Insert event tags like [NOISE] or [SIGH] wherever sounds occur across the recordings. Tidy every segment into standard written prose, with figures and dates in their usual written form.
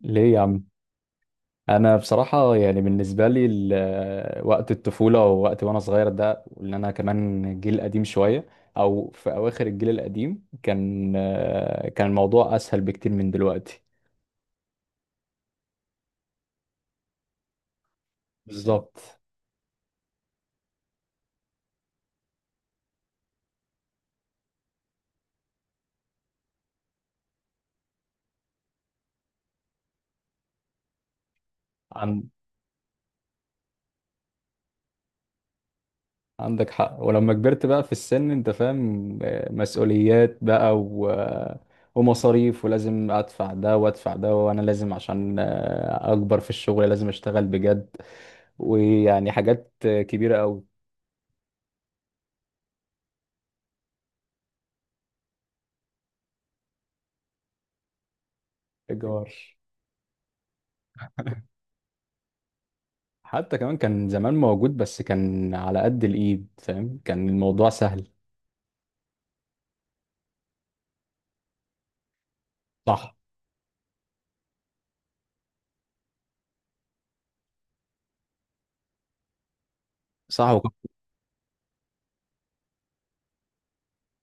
ليه يا عم؟ انا بصراحه يعني بالنسبه لي وقت الطفوله ووقت وانا صغير ده اللي انا كمان جيل قديم شويه، او في اواخر الجيل القديم. كان الموضوع اسهل بكتير من دلوقتي. بالظبط. عن عندك حق. ولما كبرت بقى في السن انت فاهم، مسؤوليات بقى ومصاريف، ولازم ادفع ده وادفع ده، وانا لازم عشان اكبر في الشغل لازم اشتغل بجد، ويعني حاجات كبيرة قوي. ايجار. [LAUGHS] حتى كمان كان زمان موجود، بس كان على قد الايد، فاهم؟ كان الموضوع سهل. صح، صح.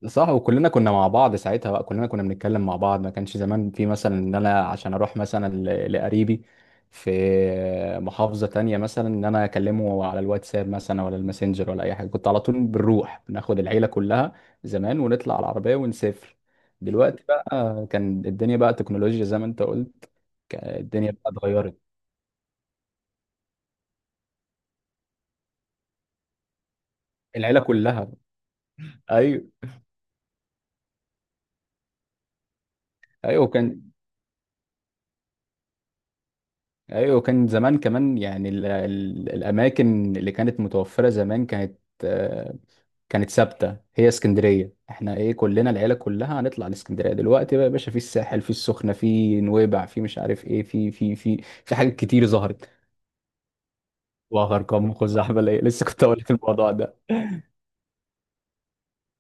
صح، وكلنا كنا مع بعض ساعتها، بقى كلنا كنا بنتكلم مع بعض. ما كانش زمان في مثلا ان انا عشان اروح مثلا لقريبي في محافظة تانية، مثلا ان انا اكلمه على الواتساب مثلا ولا الماسنجر ولا اي حاجة. كنت على طول بنروح، بناخد العيلة كلها زمان ونطلع على العربية ونسافر. دلوقتي بقى كان الدنيا بقى تكنولوجيا زي ما انت قلت. الدنيا بقى اتغيرت. العيله كلها. ايوه. ايوه كان. ايوه كان زمان كمان يعني ال الاماكن اللي كانت متوفره زمان كانت كانت ثابته. هي اسكندريه، احنا ايه، كلنا العيله كلها هنطلع الاسكندريه. دلوقتي بقى يا باشا، في الساحل، في السخنه، في نويبع، في مش عارف ايه، في حاجات كتير ظهرت. وغرقان مخ احبل ايه. [LAUGHS] لسه كنت هقول لك الموضوع ده.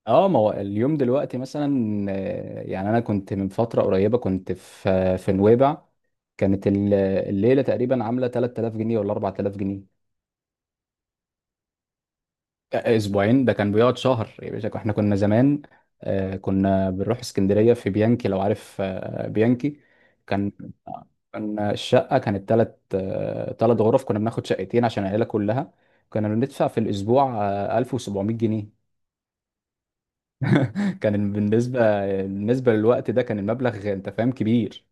اه، ما هو اليوم دلوقتي مثلا، يعني انا كنت من فتره قريبه كنت في نويبع. كانت الليله تقريبا عامله 3000 جنيه ولا 4000 جنيه. آه، اسبوعين ده كان بيقعد شهر يا باشا. احنا كنا زمان، كنا بنروح اسكندريه في بيانكي، لو عارف بيانكي. كان كان الشقه كانت ثلاث غرف، كنا بناخد شقتين عشان العيله كلها. كنا بندفع في الاسبوع 1700 جنيه. [LAUGHS] كان بالنسبه للوقت ده كان المبلغ انت فاهم كبير.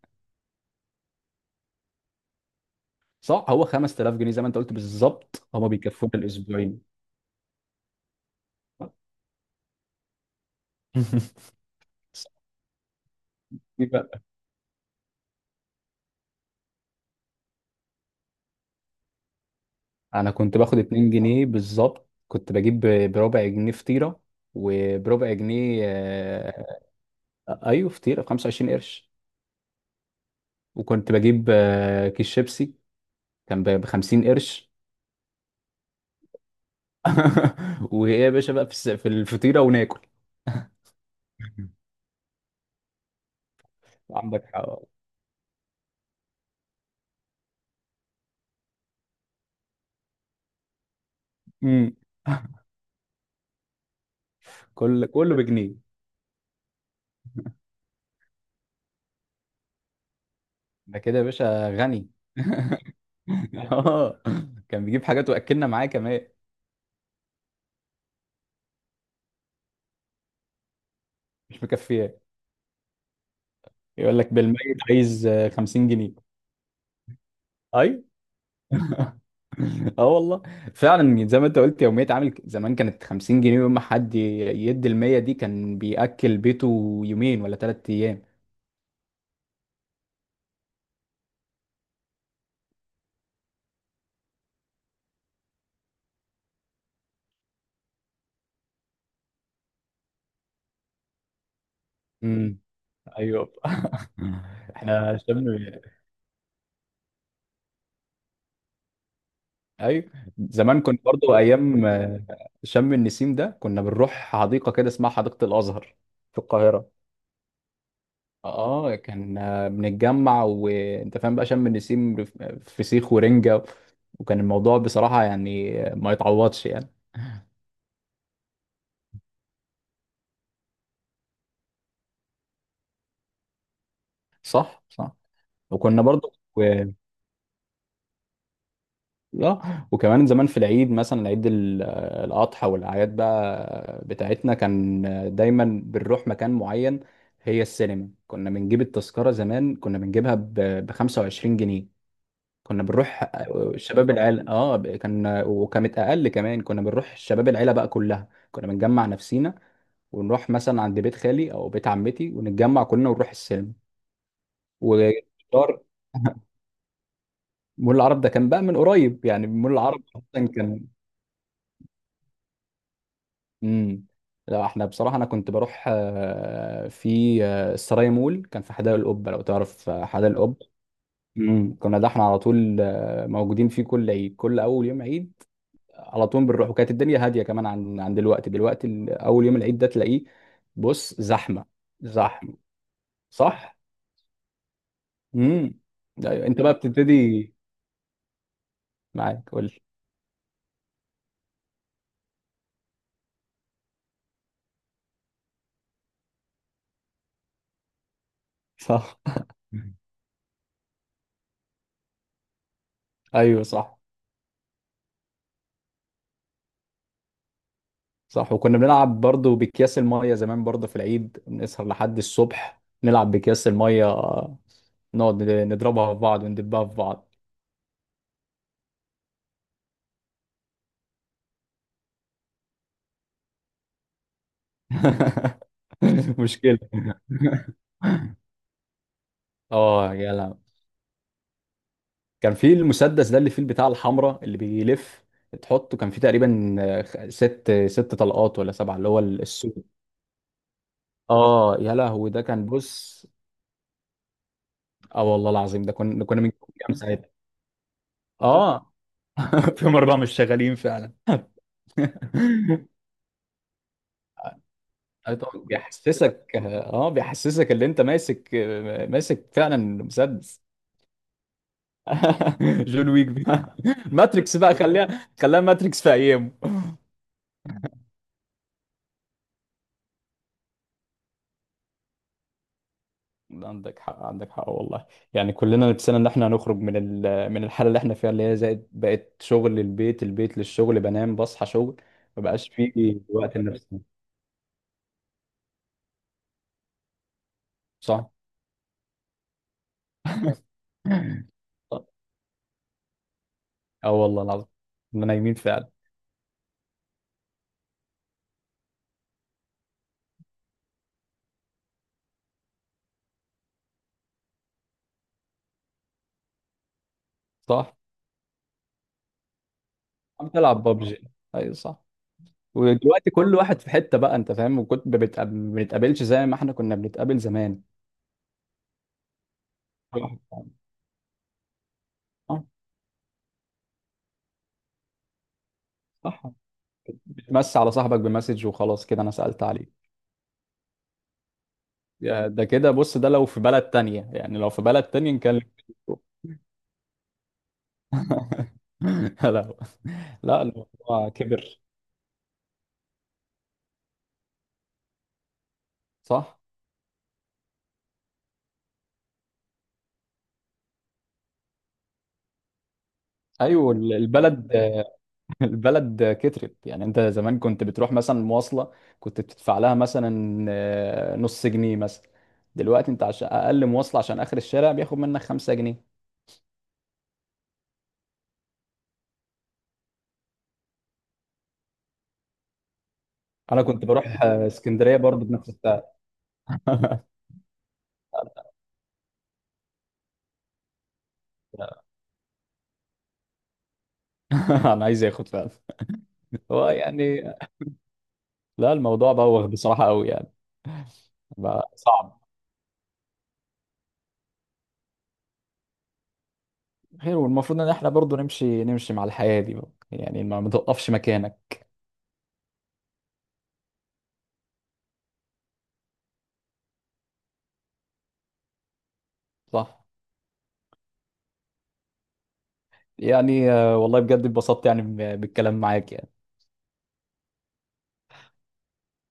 صح، هو 5000 جنيه زي ما انت قلت بالظبط، هما بيكفونا الاسبوعين. [LAUGHS] انا كنت باخد 2 جنيه بالظبط. كنت بجيب بربع جنيه فطيره، وبربع جنيه ايوه، فطيره ب 25 قرش. وكنت بجيب كيس شيبسي كان ب 50 قرش. [LAUGHS] وايه يا باشا بقى في في الفطيره وناكل. [LAUGHS] عندك حق. امم. [LAUGHS] كله بجنيه. ده كده يا باشا غني. [LAUGHS] اه، كان بيجيب حاجات واكلنا معاه كمان. مش مكفياه. يقول لك بالميت عايز 50 جنيه. ايوه. [LAUGHS] اه والله، فعلا زي ما انت قلت، يوميه عامل زمان كانت 50 جنيه، يوم ما حد يدي ال 100 دي كان بياكل بيته يومين ولا 3 ايام. امم. ايوه. [LAUGHS] احنا شم. ايوه، زمان كنت برضو ايام شم النسيم ده كنا بنروح حديقه كده اسمها حديقه الازهر في القاهره. اه، كان بنتجمع، وانت فاهم، بقى شم النسيم فسيخ ورنجه. وكان الموضوع بصراحه يعني ما يتعوضش يعني. صح، صح. وكنا برضو اه، وكمان زمان في العيد مثلا، عيد الاضحى، والاعياد بقى بتاعتنا كان دايما بنروح مكان معين. هي السينما، كنا بنجيب التذكره، زمان كنا بنجيبها ب 25 جنيه. كنا بنروح شباب العيله، اه كان وكانت اقل كمان. كنا بنروح شباب العيله بقى كلها، كنا بنجمع نفسينا ونروح مثلا عند بيت خالي او بيت عمتي، ونتجمع كلنا ونروح السينما. وفطار. مول العرب ده كان بقى من قريب، يعني مول العرب اصلا كان. امم. لا، احنا بصراحه انا كنت بروح في السراي مول. كان في حدائق القبه، لو تعرف حدائق القبه. كنا ده احنا على طول موجودين فيه كل عيد، كل اول يوم عيد على طول بنروح. وكانت الدنيا هاديه كمان عن دلوقتي. دلوقتي اول يوم العيد ده تلاقيه بص زحمه. زحمه. صح. امم. ايوه، انت بقى بتبتدي معاك، قول لي. صح. [LAUGHS] ايوه، صح. صح، وكنا بنلعب برضو باكياس المية زمان برضو في العيد، نسهر لحد الصبح نلعب باكياس المية، نقعد نضربها في بعض وندبها في بعض. [LAUGHS] مشكلة. اه يا لا. كان في المسدس ده اللي فيه البتاع الحمراء اللي بيلف تحطه، كان فيه تقريبا ست طلقات ولا سبعة، اللي هو السود. اه يا لهوي، ده كان بص. اه والله العظيم، ده كنا من كام ساعتها. اه. [LAUGHS] في مرة مش شغالين فعلا. [LAUGHS] أي طبعا، بيحسسك اللي انت ماسك فعلا مسدس. [LAUGHS] جون ويك بقى. ماتريكس بقى، خليها خليها ماتريكس في ايامه. عندك حق، عندك حق والله. يعني كلنا نفسنا ان احنا هنخرج من من الحاله اللي احنا فيها، اللي هي زائد بقت شغل للبيت، البيت للشغل، بنام، بصحى شغل. ما بقاش فيه وقت لنفسنا. صح. [LAUGHS] اه والله العظيم، احنا نايمين فعلا. صح. عم تلعب ببجي. ايوه، صح. ودلوقتي كل واحد في حتة بقى انت فاهم، وكنت ما بنتقابلش زي ما احنا كنا بنتقابل زمان. كل واحد في حاله. اه. صح. بتمسي على صاحبك بمسج وخلاص، كده انا سألت عليه. يا ده كده بص، ده لو في بلد تانية، يعني لو في بلد تانية نكلم. [LAUGHS] لا، لا، الموضوع كبر. صح. ايوه البلد. [LAUGHS] البلد كترت. يعني انت زمان كنت بتروح مثلا مواصلة، كنت بتدفع لها مثلا نص جنيه مثلا. دلوقتي انت عشان اقل مواصلة، عشان اخر الشارع بياخد منك 5 جنيه. انا كنت بروح [LAUGHS] اسكندرية برضه بنفس السعر. [LAUGHS] انا عايز اخد فعلا. هو يعني لا، الموضوع بوخ بصراحة قوي يعني. بقى صعب. خير، والمفروض ان احنا برضو نمشي نمشي مع الحياة دي بقى. يعني ما توقفش مكانك. صح. يعني والله بجد اتبسطت، يعني بالكلام معاك يعني.